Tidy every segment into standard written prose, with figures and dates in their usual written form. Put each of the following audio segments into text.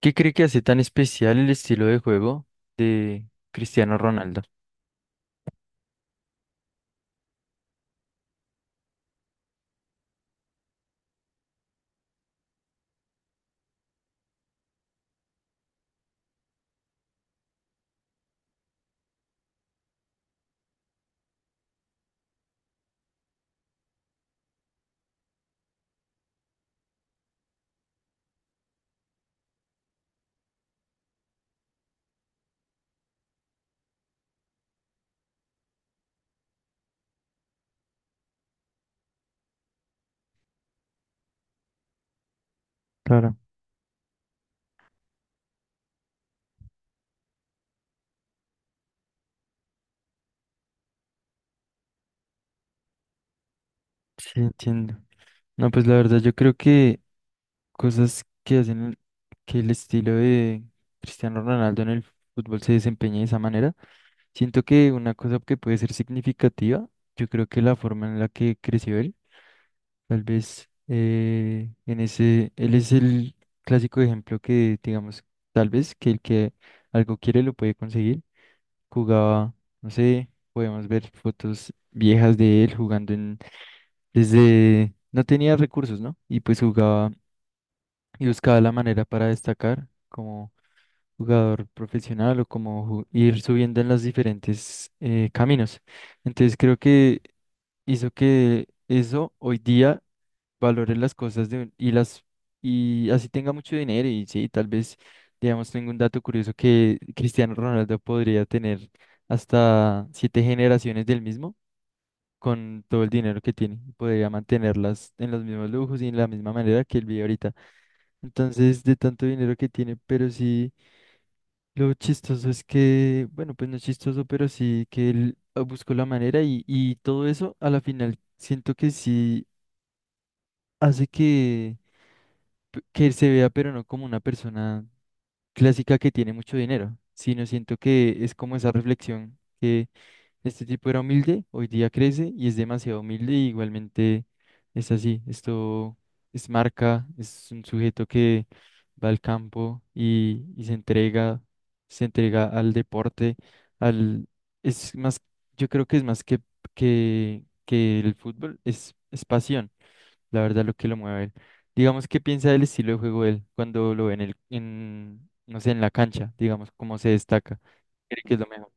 ¿Qué cree que hace tan especial el estilo de juego de Cristiano Ronaldo? Claro. Sí, entiendo. No, pues la verdad yo creo que cosas que hacen que el estilo de Cristiano Ronaldo en el fútbol se desempeñe de esa manera, siento que una cosa que puede ser significativa, yo creo que la forma en la que creció él, tal vez en ese, él es el clásico ejemplo que digamos, tal vez que el que algo quiere lo puede conseguir. Jugaba, no sé, podemos ver fotos viejas de él jugando en, desde, no tenía recursos, ¿no? Y pues jugaba y buscaba la manera para destacar como jugador profesional o como ir subiendo en los diferentes caminos. Entonces creo que hizo que eso hoy día valore las cosas de, y las y así tenga mucho dinero y sí, tal vez, digamos, tengo un dato curioso que Cristiano Ronaldo podría tener hasta siete generaciones del mismo con todo el dinero que tiene, podría mantenerlas en los mismos lujos y en la misma manera que él vive ahorita. Entonces, de tanto dinero que tiene, pero sí, lo chistoso es que, bueno, pues no es chistoso, pero sí que él buscó la manera y, todo eso a la final siento que sí hace que que se vea, pero no como una persona clásica que tiene mucho dinero, sino siento que es como esa reflexión que este tipo era humilde, hoy día crece y es demasiado humilde y igualmente es así, esto es marca, es un sujeto que va al campo y se entrega al deporte, al, es más, yo creo que es más que el fútbol, es pasión la verdad lo que lo mueve a él. Digamos, ¿qué piensa del estilo de juego de él cuando lo ve en el, en, no sé, en la cancha, digamos, cómo se destaca? ¿Cree que es lo mejor?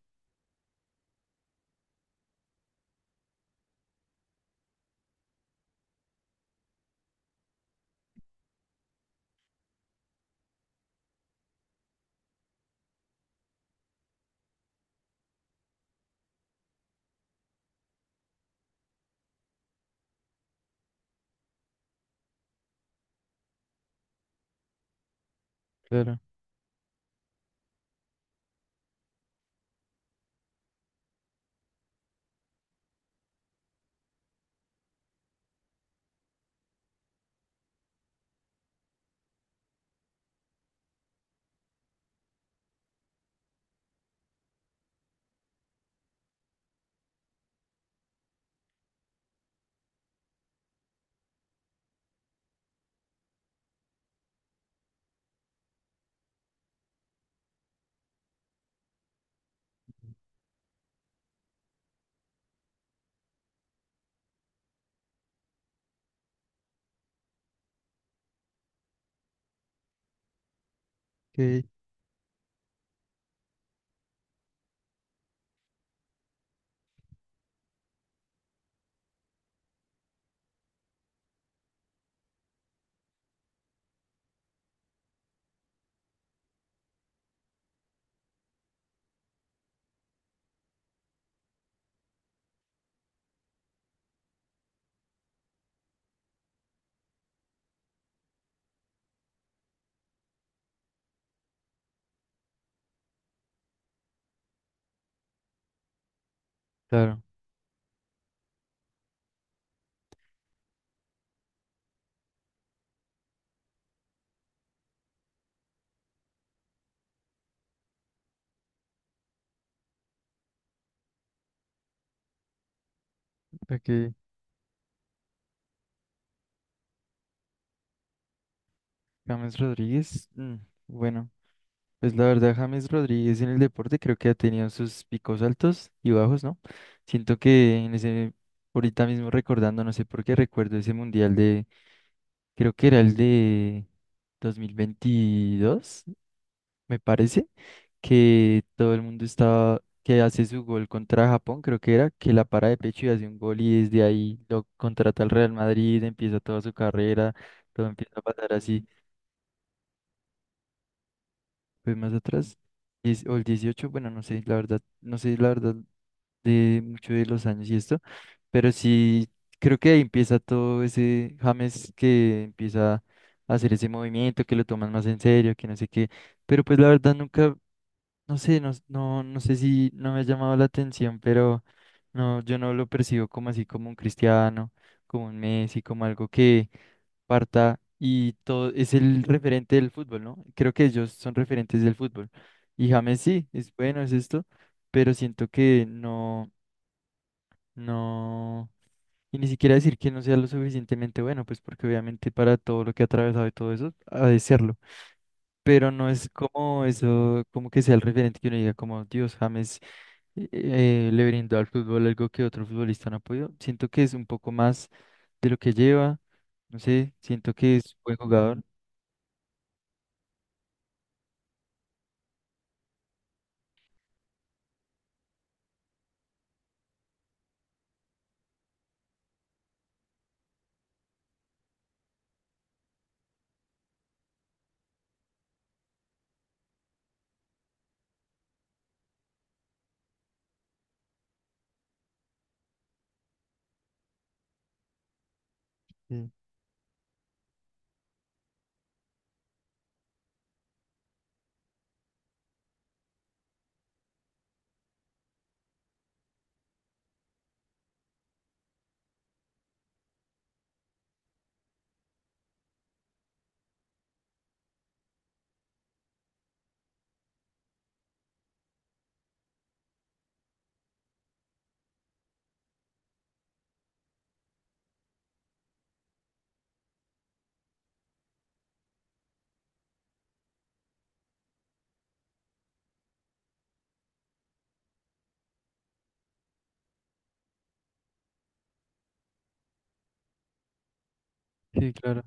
Claro, ok, claro. Ok, James Rodríguez, bueno, pues la verdad, James Rodríguez en el deporte creo que ha tenido sus picos altos y bajos, ¿no? Siento que en ese, ahorita mismo recordando, no sé por qué recuerdo ese mundial de, creo que era el de 2022, me parece que todo el mundo estaba, que hace su gol contra Japón, creo que era, que la para de pecho y hace un gol y desde ahí lo contrata el Real Madrid, empieza toda su carrera, todo empieza a pasar así. Pues más atrás, o el 18, bueno, no sé, la verdad, no sé la verdad de mucho de los años y esto, pero sí creo que ahí empieza todo ese James que empieza a hacer ese movimiento, que lo toman más en serio, que no sé qué, pero pues la verdad nunca no sé, no sé si no me ha llamado la atención, pero no, yo no lo percibo como así, como un cristiano, como un Messi, como algo que parta y todo es el referente del fútbol, ¿no? Creo que ellos son referentes del fútbol. Y James sí, es bueno, es esto, pero siento que no. No. Y ni siquiera decir que no sea lo suficientemente bueno, pues porque obviamente para todo lo que ha atravesado y todo eso, ha de serlo. Pero no es como eso, como que sea el referente que uno diga, como Dios, James le brindó al fútbol algo que otro futbolista no ha podido. Siento que es un poco más de lo que lleva, no sé, siento que es buen jugador. Sí, sí, claro,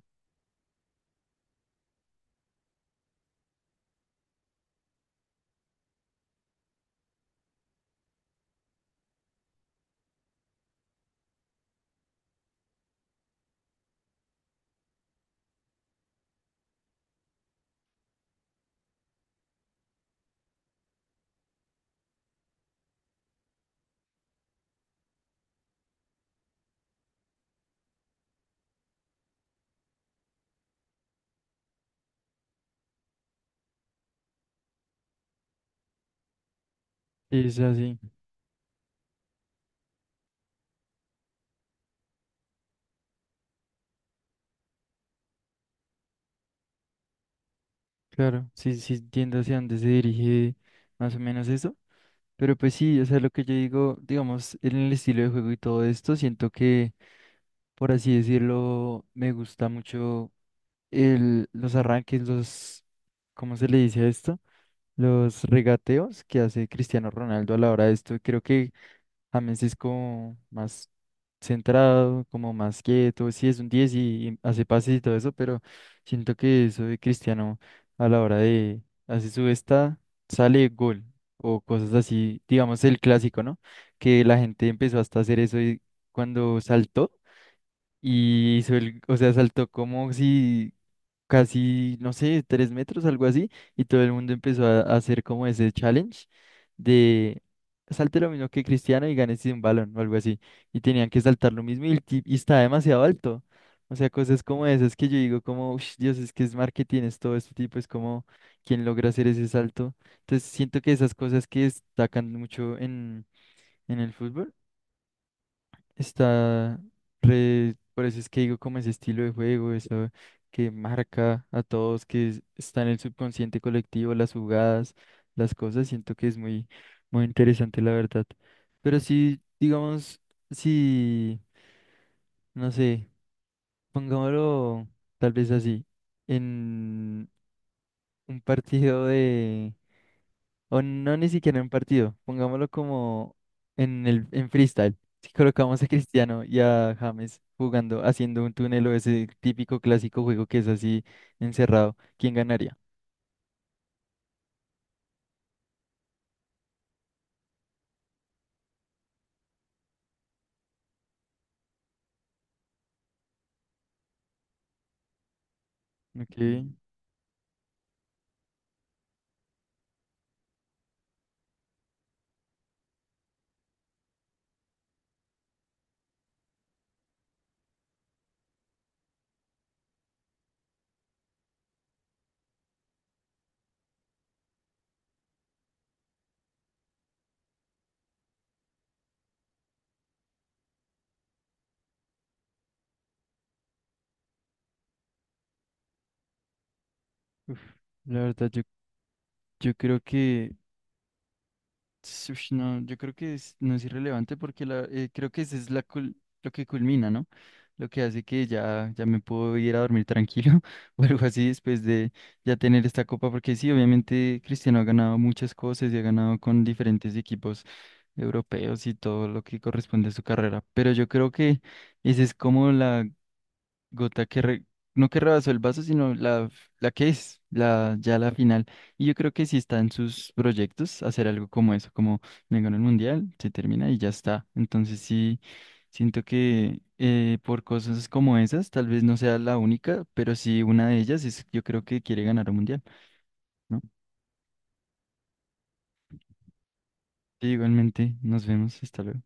es así, claro, sí, sí, entiendo hacia dónde se dirige más o menos eso. Pero pues sí, o sea, lo que yo digo, digamos, en el estilo de juego y todo esto, siento que, por así decirlo, me gusta mucho el, los arranques, los, ¿cómo se le dice a esto? Los regateos que hace Cristiano Ronaldo a la hora de esto. Creo que James es como más centrado, como más quieto. Sí, es un 10 y hace pases y todo eso, pero siento que eso de Cristiano a la hora de hacer su esta, sale gol o cosas así, digamos el clásico, ¿no? Que la gente empezó hasta a hacer eso y cuando saltó y hizo el, o sea, saltó como si casi, no sé, tres metros, algo así, y todo el mundo empezó a hacer como ese challenge de salte lo mismo que Cristiano y ganes un balón o algo así, y tenían que saltar lo mismo y, y estaba demasiado alto. O sea, cosas como esas que yo digo como, "Ush, Dios, es que es marketing, es todo este tipo, es como quien logra hacer ese salto. Entonces siento que esas cosas que destacan mucho en el fútbol está por eso es que digo como ese estilo de juego, eso que marca a todos, está en el subconsciente colectivo, las jugadas, las cosas, siento que es muy, muy interesante la verdad. Pero sí, digamos, si, no sé, pongámoslo tal vez así, en un partido o no, ni siquiera en partido. Pongámoslo como en el en freestyle. Si colocamos a Cristiano y a James jugando, haciendo un túnel o ese típico clásico juego que es así encerrado, ¿quién ganaría? Ok, uf, la verdad, yo creo que. Ush, no, yo creo que no es irrelevante porque la, creo que esa es la lo que culmina, ¿no? Lo que hace que ya, ya me puedo ir a dormir tranquilo o algo así después de ya tener esta copa, porque sí, obviamente Cristiano ha ganado muchas cosas y ha ganado con diferentes equipos europeos y todo lo que corresponde a su carrera, pero yo creo que esa es como la gota que no que rebasó el vaso, sino la, la que es, la, ya la final. Y yo creo que sí está en sus proyectos hacer algo como eso, como me ganó el mundial, se termina y ya está. Entonces sí, siento que por cosas como esas, tal vez no sea la única, pero sí una de ellas es, yo creo que quiere ganar un mundial, ¿no? Sí, igualmente, nos vemos, hasta luego.